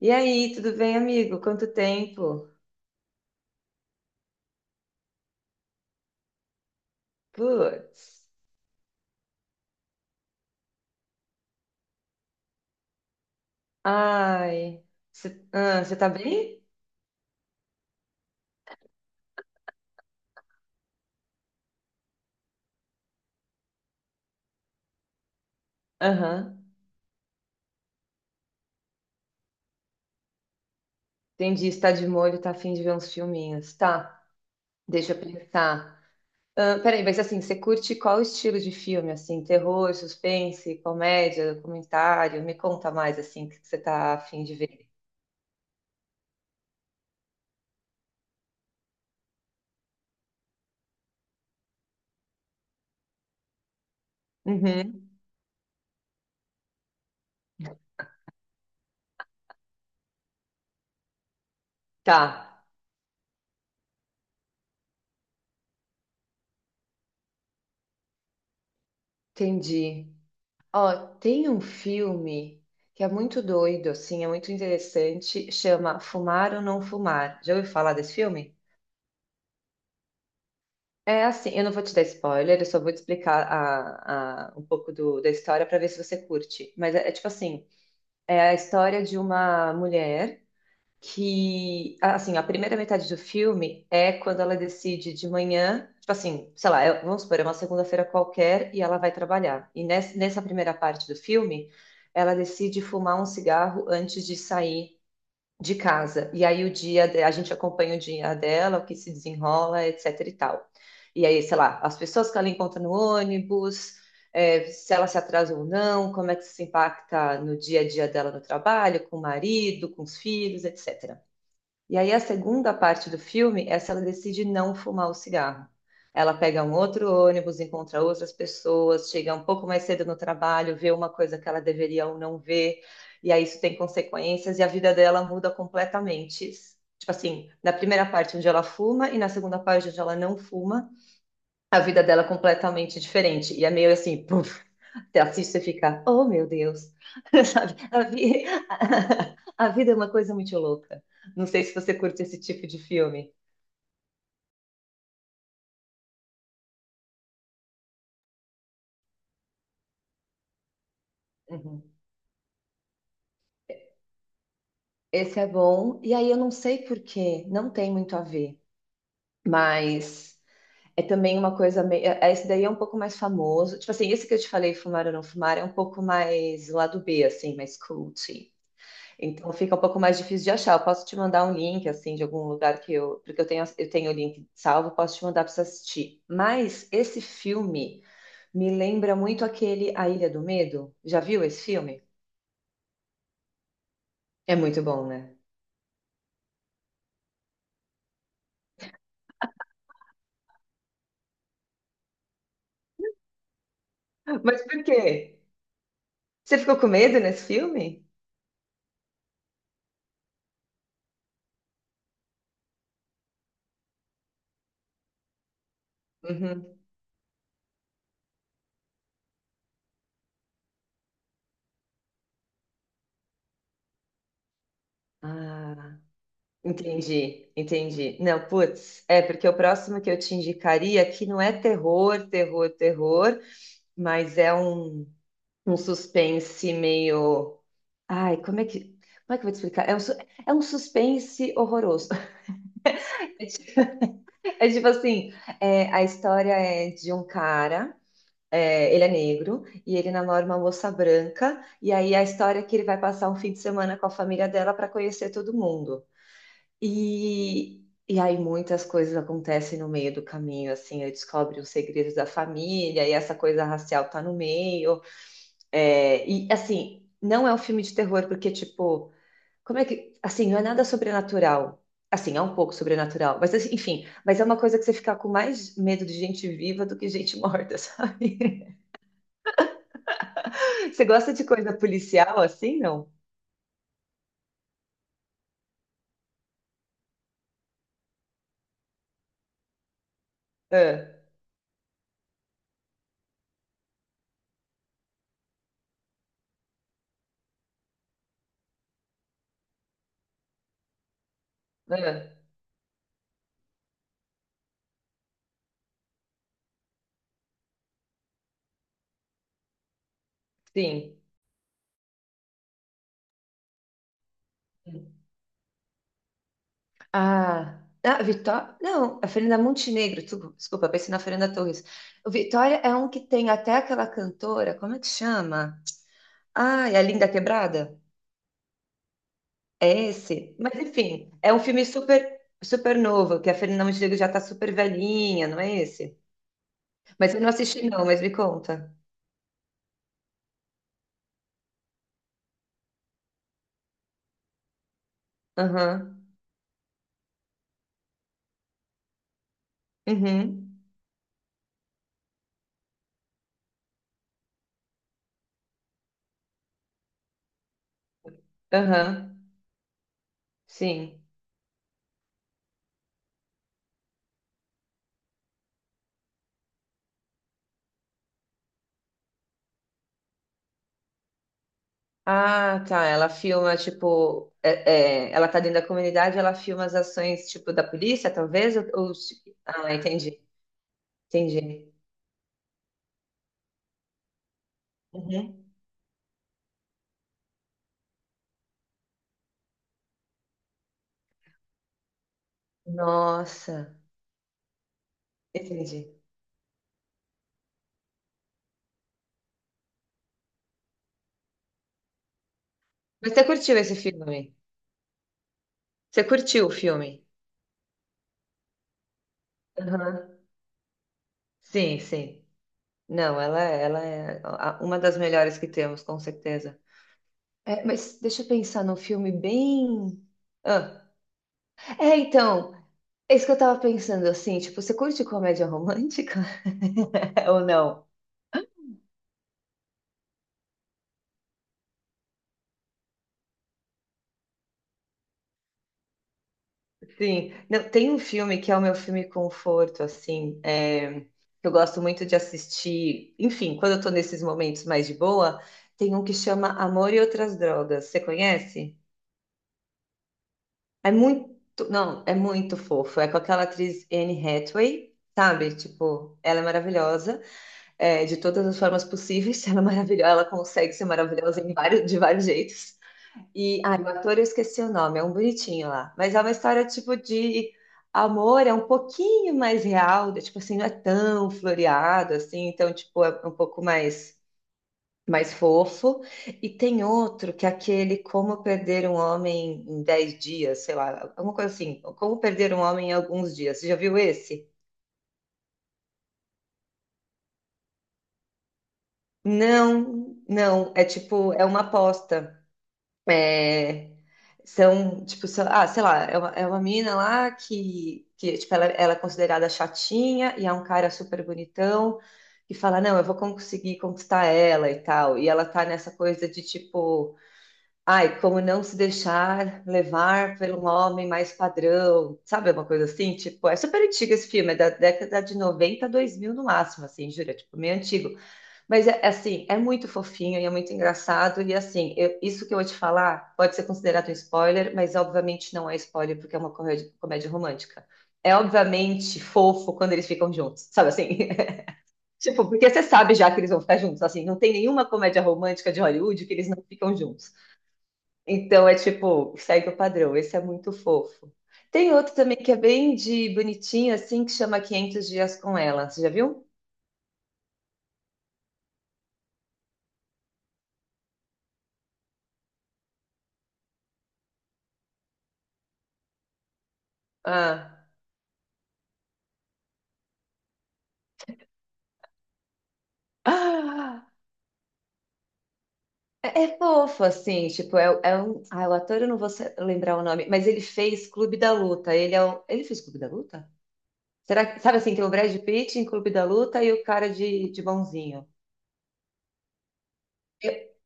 E aí, tudo bem, amigo? Quanto tempo? Putz. Ai. Você cê tá bem? Aham. Entendi. Está de molho, tá afim de ver uns filminhos. Tá, deixa eu pensar. Ah, peraí, mas assim, você curte qual estilo de filme? Assim, terror, suspense, comédia, documentário? Me conta mais, assim, o que você tá afim de ver. Uhum. Tá, entendi. Ó, tem um filme que é muito doido, assim, é muito interessante, chama Fumar ou Não Fumar. Já ouviu falar desse filme? É assim, eu não vou te dar spoiler, eu só vou te explicar um pouco da história para ver se você curte. Mas é, é tipo assim, é a história de uma mulher que, assim, a primeira metade do filme é quando ela decide de manhã, tipo assim, sei lá, vamos supor, é uma segunda-feira qualquer e ela vai trabalhar. E nessa primeira parte do filme, ela decide fumar um cigarro antes de sair de casa. E aí o dia, a gente acompanha o dia dela, o que se desenrola, etc e tal. E aí, sei lá, as pessoas que ela encontra no ônibus, é, se ela se atrasa ou não, como é que isso impacta no dia a dia dela no trabalho, com o marido, com os filhos, etc. E aí a segunda parte do filme é se ela decide não fumar o cigarro. Ela pega um outro ônibus, encontra outras pessoas, chega um pouco mais cedo no trabalho, vê uma coisa que ela deveria ou não ver, e aí isso tem consequências e a vida dela muda completamente. Tipo assim, na primeira parte onde ela fuma e na segunda parte onde ela não fuma, a vida dela é completamente diferente. E é meio assim, puf, você assiste e fica, oh meu Deus, sabe? A vida é uma coisa muito louca. Não sei se você curte esse tipo de filme. Uhum. Esse é bom. E aí eu não sei por quê, não tem muito a ver, mas é também uma coisa meio. Esse daí é um pouco mais famoso. Tipo assim, esse que eu te falei, Fumar ou Não Fumar, é um pouco mais o lado B, assim, mais cult. Então fica um pouco mais difícil de achar. Eu posso te mandar um link assim de algum lugar que eu, porque eu tenho o link salvo, posso te mandar para você assistir. Mas esse filme me lembra muito aquele A Ilha do Medo. Já viu esse filme? É muito bom, né? Mas por quê? Você ficou com medo nesse filme? Uhum. Ah, entendi, entendi. Não, putz, é porque o próximo que eu te indicaria que não é terror, terror, terror, mas é um, um suspense meio. Ai, como é que eu vou te explicar? É um, é um suspense horroroso. É ti- é tipo assim, é, a história é de um cara, é, ele é negro, e ele namora uma moça branca, e aí a história é que ele vai passar um fim de semana com a família dela para conhecer todo mundo. E aí muitas coisas acontecem no meio do caminho, assim, ele descobre os segredos da família, e essa coisa racial tá no meio. É, e assim, não é um filme de terror, porque, tipo. Como é que. Assim, não é nada sobrenatural. Assim, é um pouco sobrenatural. Mas, assim, enfim, mas é uma coisa que você fica com mais medo de gente viva do que gente morta, sabe? Você gosta de coisa policial assim, não? Ah, ah, sim. Ah, ah, Vitória. Não, a Fernanda Montenegro. Tu... Desculpa, pensei na Fernanda Torres. O Vitória é um que tem até aquela cantora. Como é que chama? Ah, é a Linda Quebrada? É esse. Mas enfim, é um filme super super novo, que a Fernanda Montenegro já tá super velhinha, não é esse? Mas eu não assisti não, mas me conta. Aham. Uhum. Aham. Sim. Ah, tá. Ela filma, tipo, é, é, ela tá dentro da comunidade, ela filma as ações, tipo, da polícia, talvez? Ou- Ah, entendi. Entendi. Uhum. Nossa, entendi. Mas você curtiu esse filme? Você curtiu o filme? Aham. Sim, sim. Não, ela, ela é uma das melhores que temos, com certeza. É, mas deixa eu pensar num filme bem. Ah, é, então, é isso que eu tava pensando, assim, tipo, você curte comédia romântica ou não? Sim. Não, tem um filme que é o meu filme conforto, assim, é, que eu gosto muito de assistir. Enfim, quando eu tô nesses momentos mais de boa, tem um que chama Amor e Outras Drogas. Você conhece? É muito, não, é muito fofo. É com aquela atriz Anne Hathaway, sabe? Tipo, ela é maravilhosa, é, de todas as formas possíveis. Ela é maravilhosa, ela consegue ser maravilhosa em vários, de vários jeitos. E, ai, o ator eu esqueci o nome, é um bonitinho lá. Mas é uma história tipo de amor, é um pouquinho mais real, de, tipo assim, não é tão floreado assim, então tipo é um pouco mais fofo. E tem outro que é aquele Como Perder um Homem em 10 Dias, sei lá, alguma coisa assim. Como Perder um Homem em Alguns Dias. Você já viu esse? Não, não. É tipo, é uma aposta. É, são, tipo, ah, sei lá, é uma mina lá que tipo, ela é considerada chatinha e é um cara super bonitão. E fala, não, eu vou conseguir conquistar ela e tal. E ela tá nessa coisa de tipo. Ai, como não se deixar levar por um homem mais padrão, sabe? Uma coisa assim, tipo, é super antigo esse filme, é da década de 90, 2000 no máximo, assim, jura, tipo, meio antigo. Mas, é, é assim, é muito fofinho e é muito engraçado. E, assim, isso que eu vou te falar pode ser considerado um spoiler, mas obviamente não é spoiler porque é uma comédia, comédia romântica. É obviamente fofo quando eles ficam juntos, sabe assim? Tipo, porque você sabe já que eles vão ficar juntos, assim, não tem nenhuma comédia romântica de Hollywood que eles não ficam juntos. Então é tipo, segue o padrão, esse é muito fofo. Tem outro também que é bem de bonitinho, assim, que chama 500 Dias com Ela. Você já viu? Ah, ah é, é fofo, assim, tipo, é, é um... Ah, o ator, eu não vou lembrar o nome, mas ele fez Clube da Luta. Ele é o... Ele fez Clube da Luta? Será que... Sabe assim, tem o Brad Pitt em Clube da Luta e o cara de bonzinho.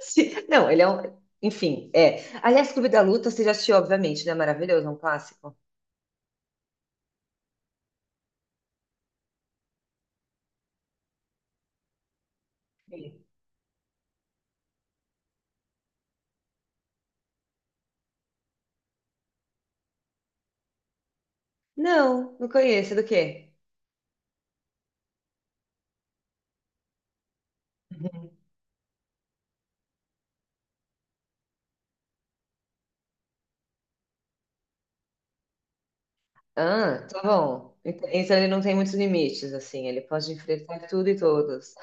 Sim, não, ele é um... Enfim, é. Aliás, Clube da Luta, você já assistiu, obviamente, né? Maravilhoso, é um clássico. Não, não conheço. É do quê? Ah, tá bom. Então ele não tem muitos limites, assim. Ele pode enfrentar tudo e todos.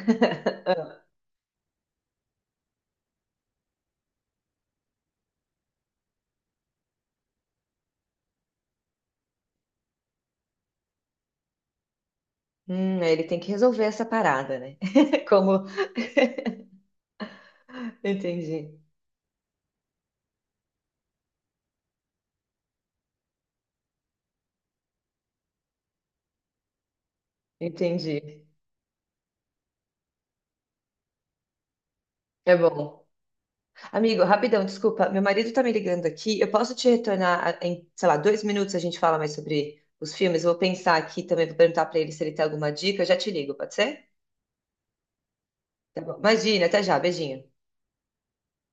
Aí ele tem que resolver essa parada, né? Como. Entendi, entendi. É bom. Amigo, rapidão, desculpa. Meu marido tá me ligando aqui. Eu posso te retornar em, sei lá, 2 minutos a gente fala mais sobre os filmes. Eu vou pensar aqui também, vou perguntar pra ele se ele tem alguma dica. Eu já te ligo, pode ser? Tá bom. Imagina, até já. Beijinho.